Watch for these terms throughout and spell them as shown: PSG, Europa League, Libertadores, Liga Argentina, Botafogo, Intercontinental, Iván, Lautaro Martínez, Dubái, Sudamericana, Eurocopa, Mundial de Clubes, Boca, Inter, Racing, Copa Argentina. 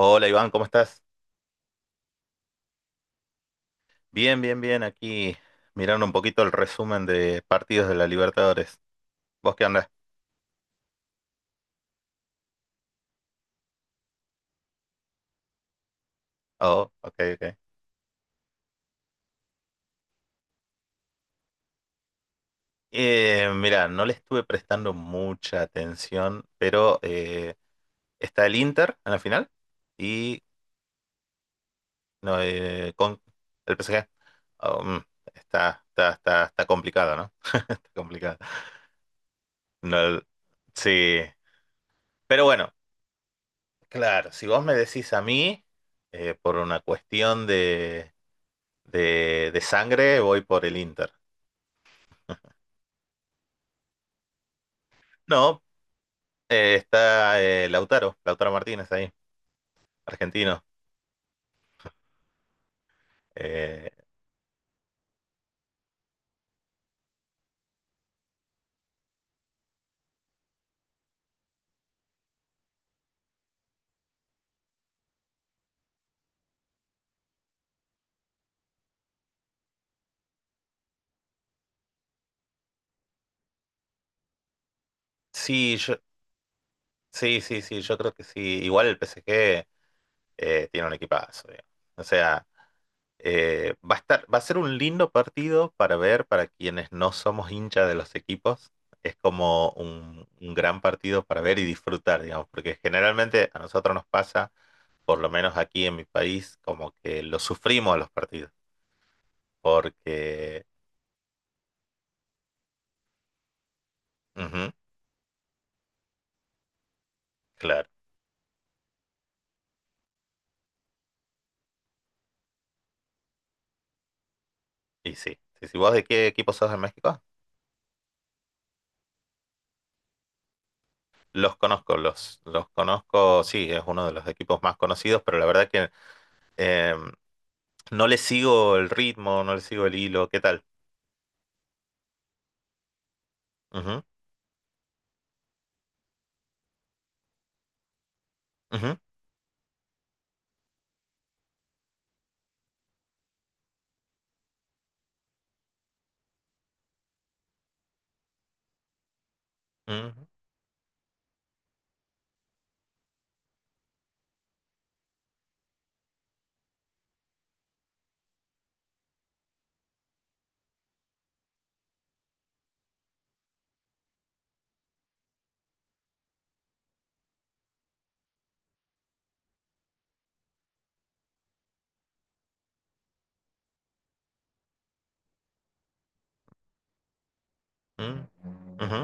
Hola Iván, ¿cómo estás? Bien, bien, bien. Aquí mirando un poquito el resumen de partidos de la Libertadores. ¿Vos qué andás? Oh, ok, ok. Mira, no le estuve prestando mucha atención, pero está el Inter en la final y no, con el PSG. Oh, mm, está complicado, ¿no? Está complicado. No, el- sí, pero bueno, claro, si vos me decís a mí, por una cuestión de sangre voy por el Inter. No, está Lautaro, Lautaro Martínez ahí, argentino. Eh, sí, yo, sí, sí, sí, yo creo que sí. Igual el PSG tiene un equipazo, digamos. O sea, va a estar, va a ser un lindo partido para ver para quienes no somos hinchas de los equipos. Es como un gran partido para ver y disfrutar, digamos, porque generalmente a nosotros nos pasa, por lo menos aquí en mi país, como que lo sufrimos a los partidos. Porque, ujú, claro, y sí. Sí, sí. ¿Vos de qué equipo sos de México? Los conozco, los conozco, sí, es uno de los equipos más conocidos, pero la verdad que eh, no le sigo el ritmo, no le sigo el hilo, ¿qué tal? Ujú, ujú, ujú, ujú, ujú.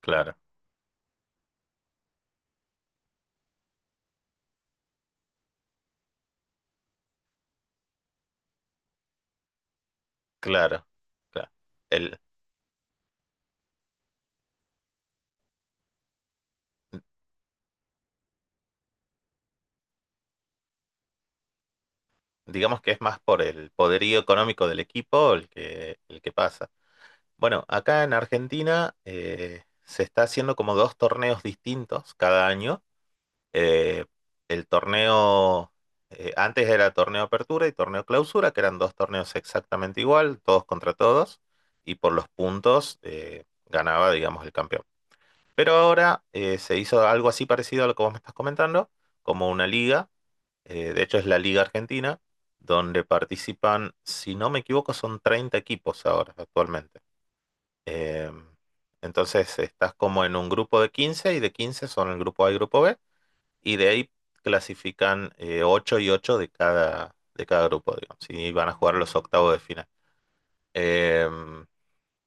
Claro, claro, claro. El, digamos que es más por el poderío económico del equipo el que pasa. Bueno, acá en Argentina se está haciendo como dos torneos distintos cada año. Eh, el torneo, Antes era torneo apertura y torneo clausura, que eran dos torneos exactamente igual, todos contra todos, y por los puntos ganaba, digamos, el campeón. Pero ahora se hizo algo así parecido a lo que vos me estás comentando, como una liga, de hecho es la Liga Argentina, donde participan, si no me equivoco, son 30 equipos ahora, actualmente. Em, entonces estás como en un grupo de 15 y de 15 son el grupo A y grupo B, y de ahí clasifican 8 y 8 de de cada grupo, digamos, y van a jugar los octavos de final. Em,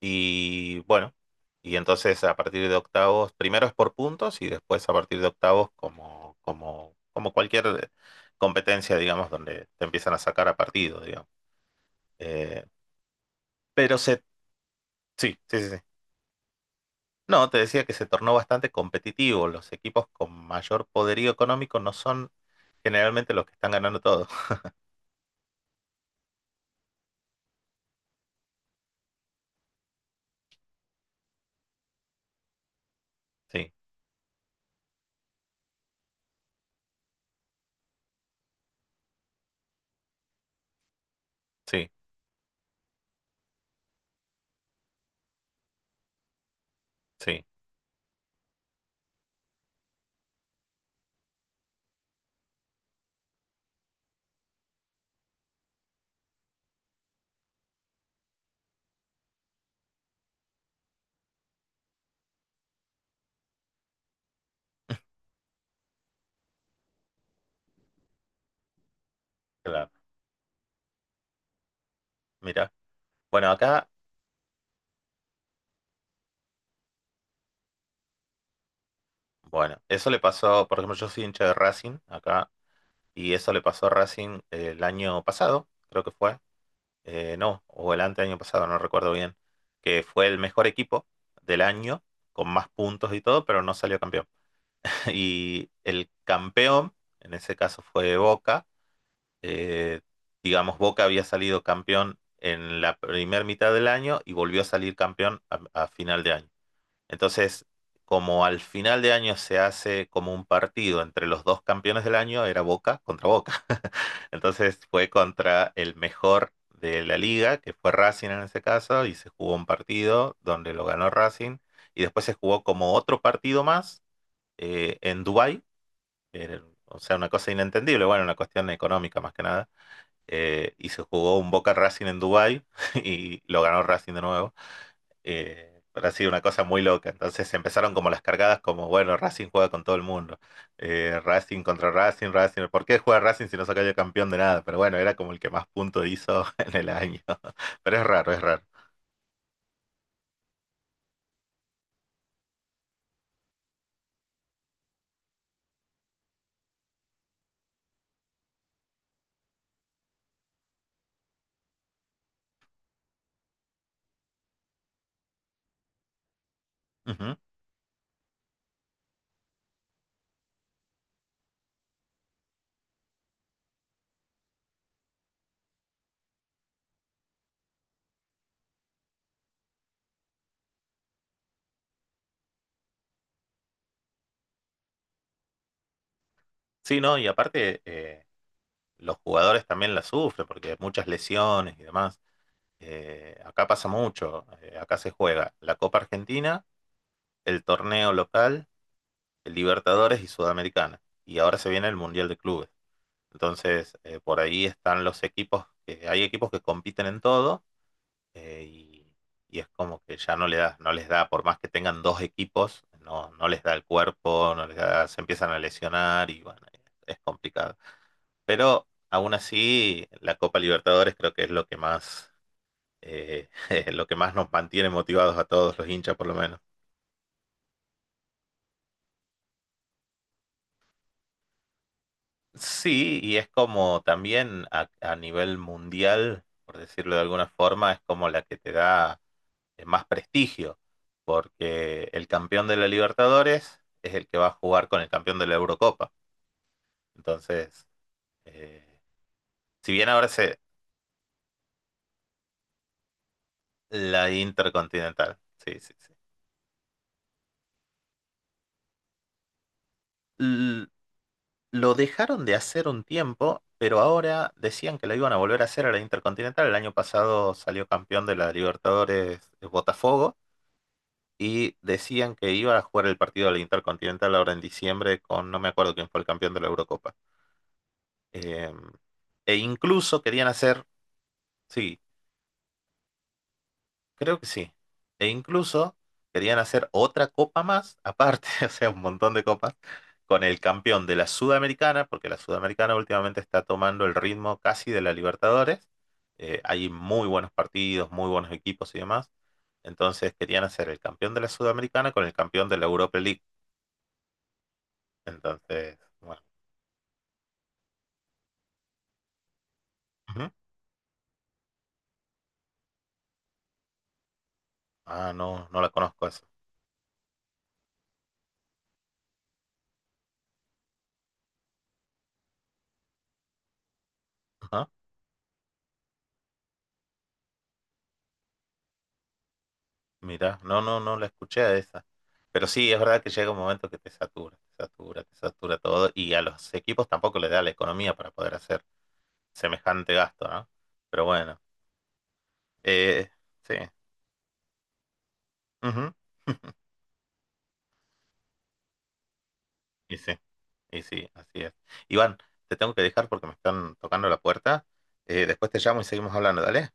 y bueno, y entonces a partir de octavos, primero es por puntos y después a partir de octavos como cualquier competencia, digamos, donde te empiezan a sacar a partido, digamos. Eh, pero se, sí, sí, sí, sí. No, te decía que se tornó bastante competitivo. Los equipos con mayor poderío económico no son generalmente los que están ganando todo. Sí, sí, sí. Claro, mira. Bueno, acá, bueno, eso le pasó, por ejemplo, yo soy hincha de Racing acá, y eso le pasó a Racing el año pasado, creo que fue, no, o el año pasado, no recuerdo bien, que fue el mejor equipo del año, con más puntos y todo, pero no salió campeón. Y el campeón, en ese caso fue Boca, eh, digamos, Boca había salido campeón en la primera mitad del año y volvió a salir campeón a final de año. Entonces, como al final de año se hace como un partido entre los dos campeones del año, era Boca contra Boca. Entonces fue contra el mejor de la liga, que fue Racing en ese caso, y se jugó un partido donde lo ganó Racing, y después se jugó como otro partido más en Dubái, eh, o sea, una cosa inentendible, bueno, una cuestión económica más que nada, y se jugó un Boca Racing en Dubái y lo ganó Racing de nuevo, pero ha sido una cosa muy loca. Entonces empezaron como las cargadas, como bueno, Racing juega con todo el mundo. Racing contra Racing, Racing. ¿Por qué juega Racing si no se cayó campeón de nada? Pero bueno, era como el que más puntos hizo en el año. Pero es raro, es raro. Ujú. Sí, no, y aparte los jugadores también la sufren porque muchas lesiones y demás. Acá pasa mucho. Acá se juega la Copa Argentina, el torneo local, el Libertadores y Sudamericana. Y ahora se viene el Mundial de Clubes. Entonces, por ahí están los equipos, que, hay equipos que compiten en todo, eh, y, y es como que ya no, le da, no les da, por más que tengan dos equipos, no, no les da el cuerpo, no les da- se empiezan a lesionar y bueno, es complicado. Pero aún así, la Copa Libertadores creo que es lo que más, eh, lo que más nos mantiene motivados a todos los hinchas, por lo menos. Sí, y es como también a nivel mundial, por decirlo de alguna forma, es como la que te da más prestigio, porque el campeón de la Libertadores es el que va a jugar con el campeón de la Eurocopa. Entonces, eh, si bien ahora se la Intercontinental, sí, sí, sí. L- lo dejaron de hacer un tiempo, pero ahora decían que la iban a volver a hacer a la Intercontinental. El año pasado salió campeón de la Libertadores Botafogo y decían que iba a jugar el partido de la Intercontinental ahora en diciembre con no me acuerdo quién fue el campeón de la Eurocopa. Eh, e incluso querían hacer, sí, creo que sí. E incluso querían hacer otra copa más, aparte, o sea, un montón de copas, con el campeón de la Sudamericana, porque la Sudamericana últimamente está tomando el ritmo casi de la Libertadores. Hay muy buenos partidos, muy buenos equipos y demás. Entonces querían hacer el campeón de la Sudamericana con el campeón de la Europa League. Entonces, bueno. Ujú. Ah, no, no la conozco eso. Mira, no, no, no la escuché a esa. Pero sí, es verdad que llega un momento que te satura, te satura, te satura todo y a los equipos tampoco les da la economía para poder hacer semejante gasto, ¿no? Pero bueno, eh, sí. Ujú. Y sí, y sí, así es. Iván, te tengo que dejar porque me están tocando la puerta. Después te llamo y seguimos hablando, dale.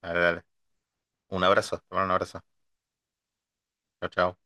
Dale, dale. Un abrazo, te mando un abrazo. Chao, chao.